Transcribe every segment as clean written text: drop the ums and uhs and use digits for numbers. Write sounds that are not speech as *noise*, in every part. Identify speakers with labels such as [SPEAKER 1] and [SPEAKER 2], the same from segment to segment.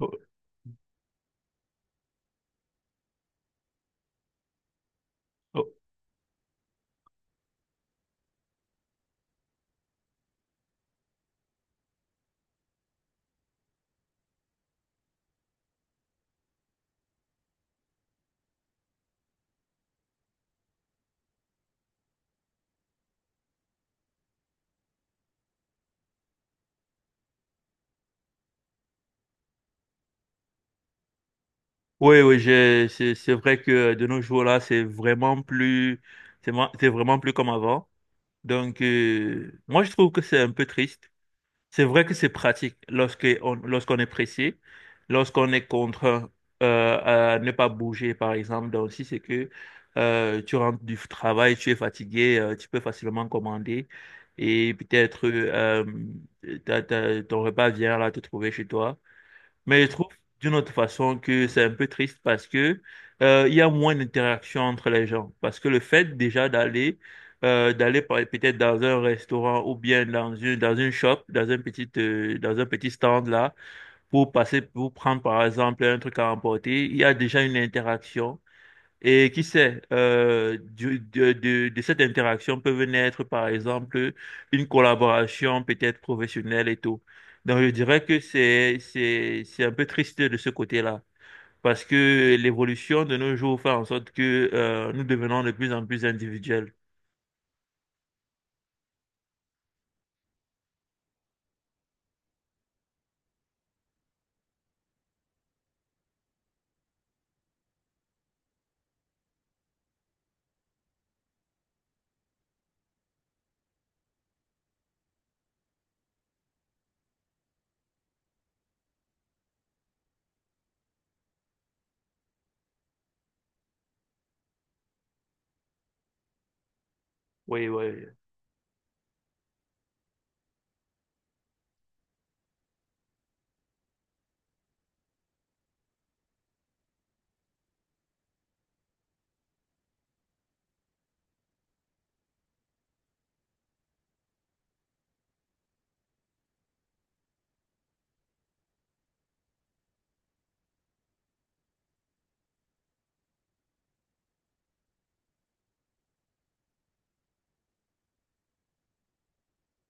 [SPEAKER 1] Oh, oh, oui, oui, c'est vrai que de nos jours là, c'est vraiment plus, c'est vraiment plus comme avant. Donc, moi, je trouve que c'est un peu triste. C'est vrai que c'est pratique lorsqu'on est pressé, lorsqu'on est contraint à ne pas bouger, par exemple. Donc, si c'est que tu rentres du travail, tu es fatigué, tu peux facilement commander et peut-être ton repas vient là te trouver chez toi. Mais je trouve d'une autre façon que c'est un peu triste parce que il y a moins d'interaction entre les gens. Parce que le fait déjà d'aller peut-être dans un restaurant ou bien dans une shop, dans un petit stand là pour passer pour prendre par exemple un truc à emporter, il y a déjà une interaction. Et qui sait, de cette interaction peuvent naître, par exemple, une collaboration peut-être professionnelle et tout. Donc, je dirais que c'est un peu triste de ce côté-là, parce que l'évolution de nos jours fait en sorte que nous devenons de plus en plus individuels. Oui, oui.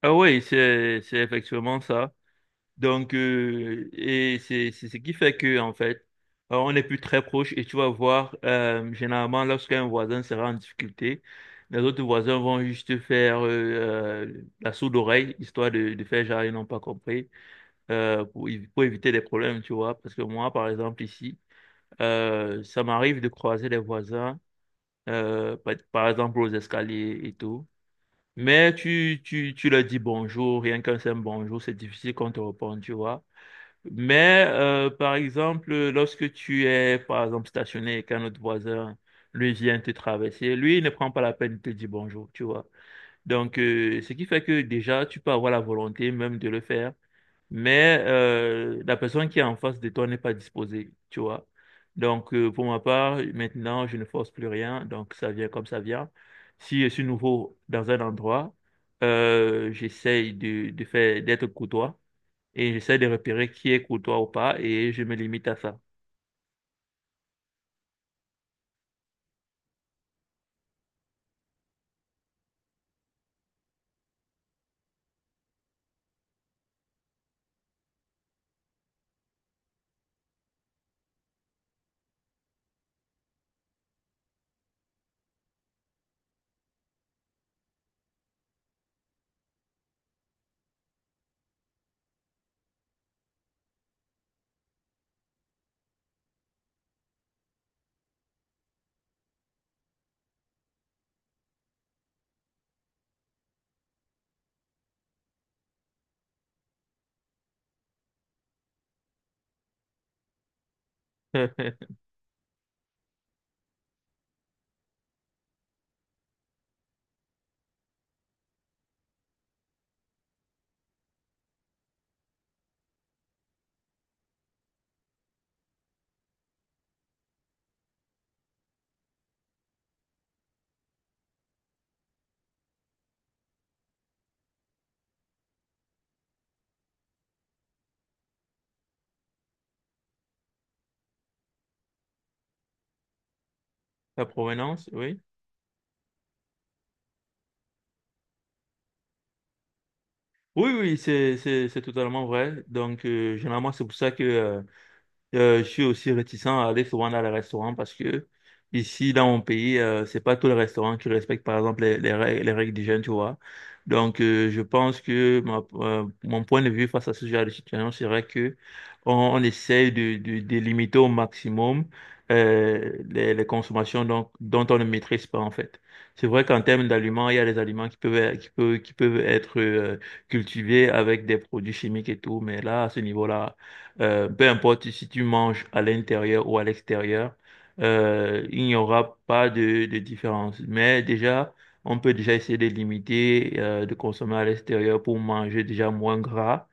[SPEAKER 1] Ah oui, c'est effectivement ça. Donc, et c'est ce qui fait que, en fait, on n'est plus très proche et tu vas voir, généralement, lorsqu'un voisin sera en difficulté, les autres voisins vont juste faire la sourde oreille, histoire de faire genre, ils n'ont pas compris, pour éviter des problèmes, tu vois. Parce que moi, par exemple, ici, ça m'arrive de croiser les voisins, par exemple, aux escaliers et tout. Mais tu leur dis bonjour, rien qu'un simple bonjour, c'est difficile qu'on te réponde, tu vois. Mais par exemple, lorsque tu es, par exemple, stationné et qu'un autre voisin, lui vient te traverser, lui, il ne prend pas la peine de te dire bonjour, tu vois. Donc, ce qui fait que déjà, tu peux avoir la volonté même de le faire, mais la personne qui est en face de toi n'est pas disposée, tu vois. Donc, pour ma part, maintenant, je ne force plus rien, donc ça vient comme ça vient. Si je suis nouveau dans un endroit, j'essaye de faire, d'être courtois et j'essaie de repérer qui est courtois ou pas et je me limite à ça. *laughs* La provenance, oui. Oui, oui, c'est totalement vrai. Donc, généralement, c'est pour ça que, je suis aussi réticent à aller souvent dans les restaurants parce que ici, dans mon pays, c'est pas tous les restaurants qui respectent, par exemple, les règles d'hygiène, tu vois. Donc, je pense que mon point de vue face à ce genre de situation serait que on essaye de limiter au maximum les consommations donc, dont on ne maîtrise pas, en fait. C'est vrai qu'en termes d'aliments, il y a des aliments qui qui peuvent être cultivés avec des produits chimiques et tout, mais là, à ce niveau-là, peu importe si tu manges à l'intérieur ou à l'extérieur, il n'y aura pas de, de différence. Mais déjà, on peut déjà essayer de limiter, de consommer à l'extérieur pour manger déjà moins gras.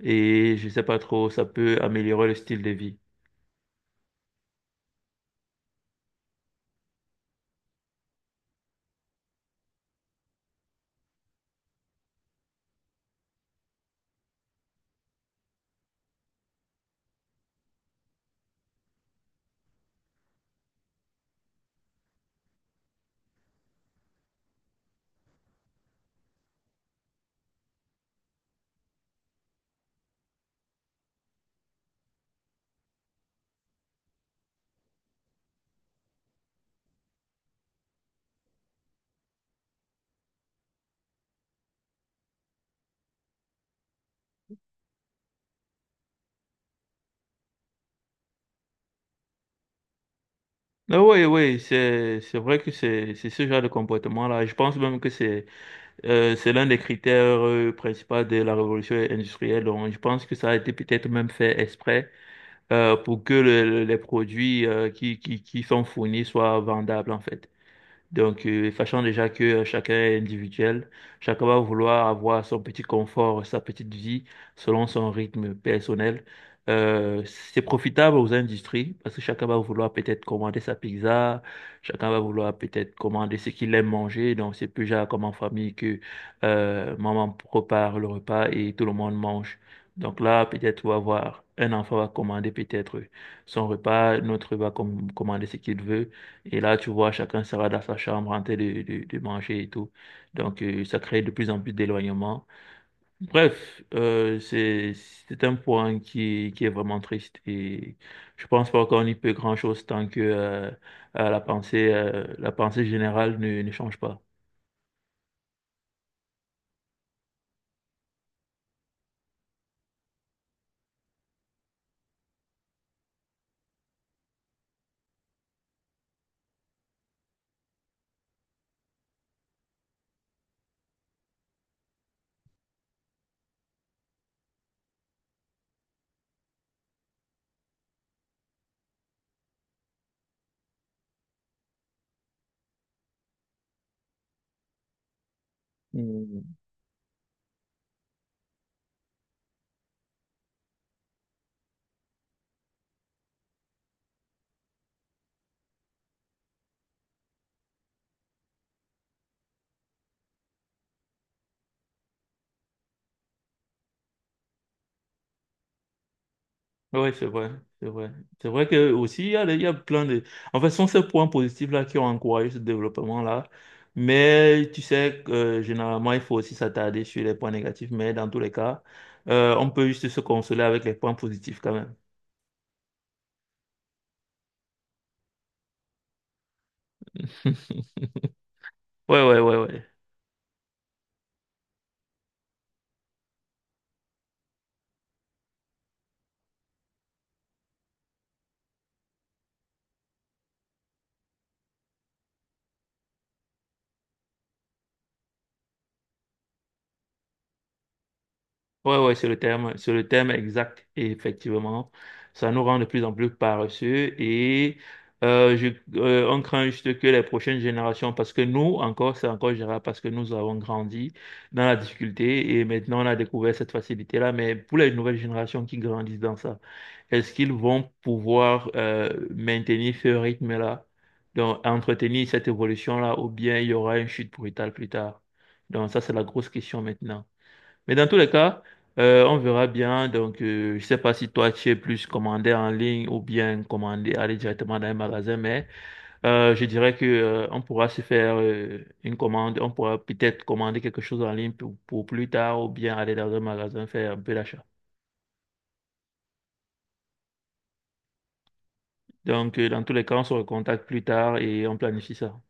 [SPEAKER 1] Et je sais pas trop, ça peut améliorer le style de vie. Ah oui, oui, c'est vrai que c'est ce genre de comportement-là. Je pense même que c'est l'un des critères principaux de la révolution industrielle. Donc, je pense que ça a été peut-être même fait exprès pour que les produits qui sont fournis soient vendables, en fait. Donc, sachant déjà que chacun est individuel, chacun va vouloir avoir son petit confort, sa petite vie, selon son rythme personnel. C'est profitable aux industries parce que chacun va vouloir peut-être commander sa pizza, chacun va vouloir peut-être commander ce qu'il aime manger. Donc, c'est plus genre comme en famille que maman prépare le repas et tout le monde mange. Donc là, peut-être, on va voir, un enfant va commander peut-être son repas, un autre va commander ce qu'il veut. Et là, tu vois, chacun sera dans sa chambre en train de manger et tout. Donc, ça crée de plus en plus d'éloignement. Bref, c'est un point qui est vraiment triste. Et je pense pas qu'on y peut grand-chose tant que la pensée générale ne change pas. Mm. Oui, c'est vrai, c'est vrai. C'est vrai que aussi, il y a plein de... En fait, ce sont ces points positifs-là qui ont encouragé ce développement-là. Mais tu sais que généralement, il faut aussi s'attarder sur les points négatifs. Mais dans tous les cas, on peut juste se consoler avec les points positifs quand même. *laughs* Ouais, ouais, ouais, ouais. Ouais, ouais, c'est le terme exact. Et effectivement, ça nous rend de plus en plus paresseux et euh, je, on craint juste que les prochaines générations, parce que nous, encore, c'est encore gérable, parce que nous avons grandi dans la difficulté et maintenant on a découvert cette facilité-là. Mais pour les nouvelles générations qui grandissent dans ça, est-ce qu'ils vont pouvoir maintenir ce rythme-là, donc entretenir cette évolution-là, ou bien il y aura une chute brutale plus tard? Donc ça, c'est la grosse question maintenant. Mais dans tous les cas, on verra bien. Donc, je sais pas si toi, tu es plus commandé en ligne ou bien commandé, aller directement dans un magasin, mais je dirais que on pourra se faire une commande. On pourra peut-être commander quelque chose en ligne pour plus tard ou bien aller dans un magasin faire un peu d'achat. Donc, dans tous les cas, on se recontacte plus tard et on planifie ça.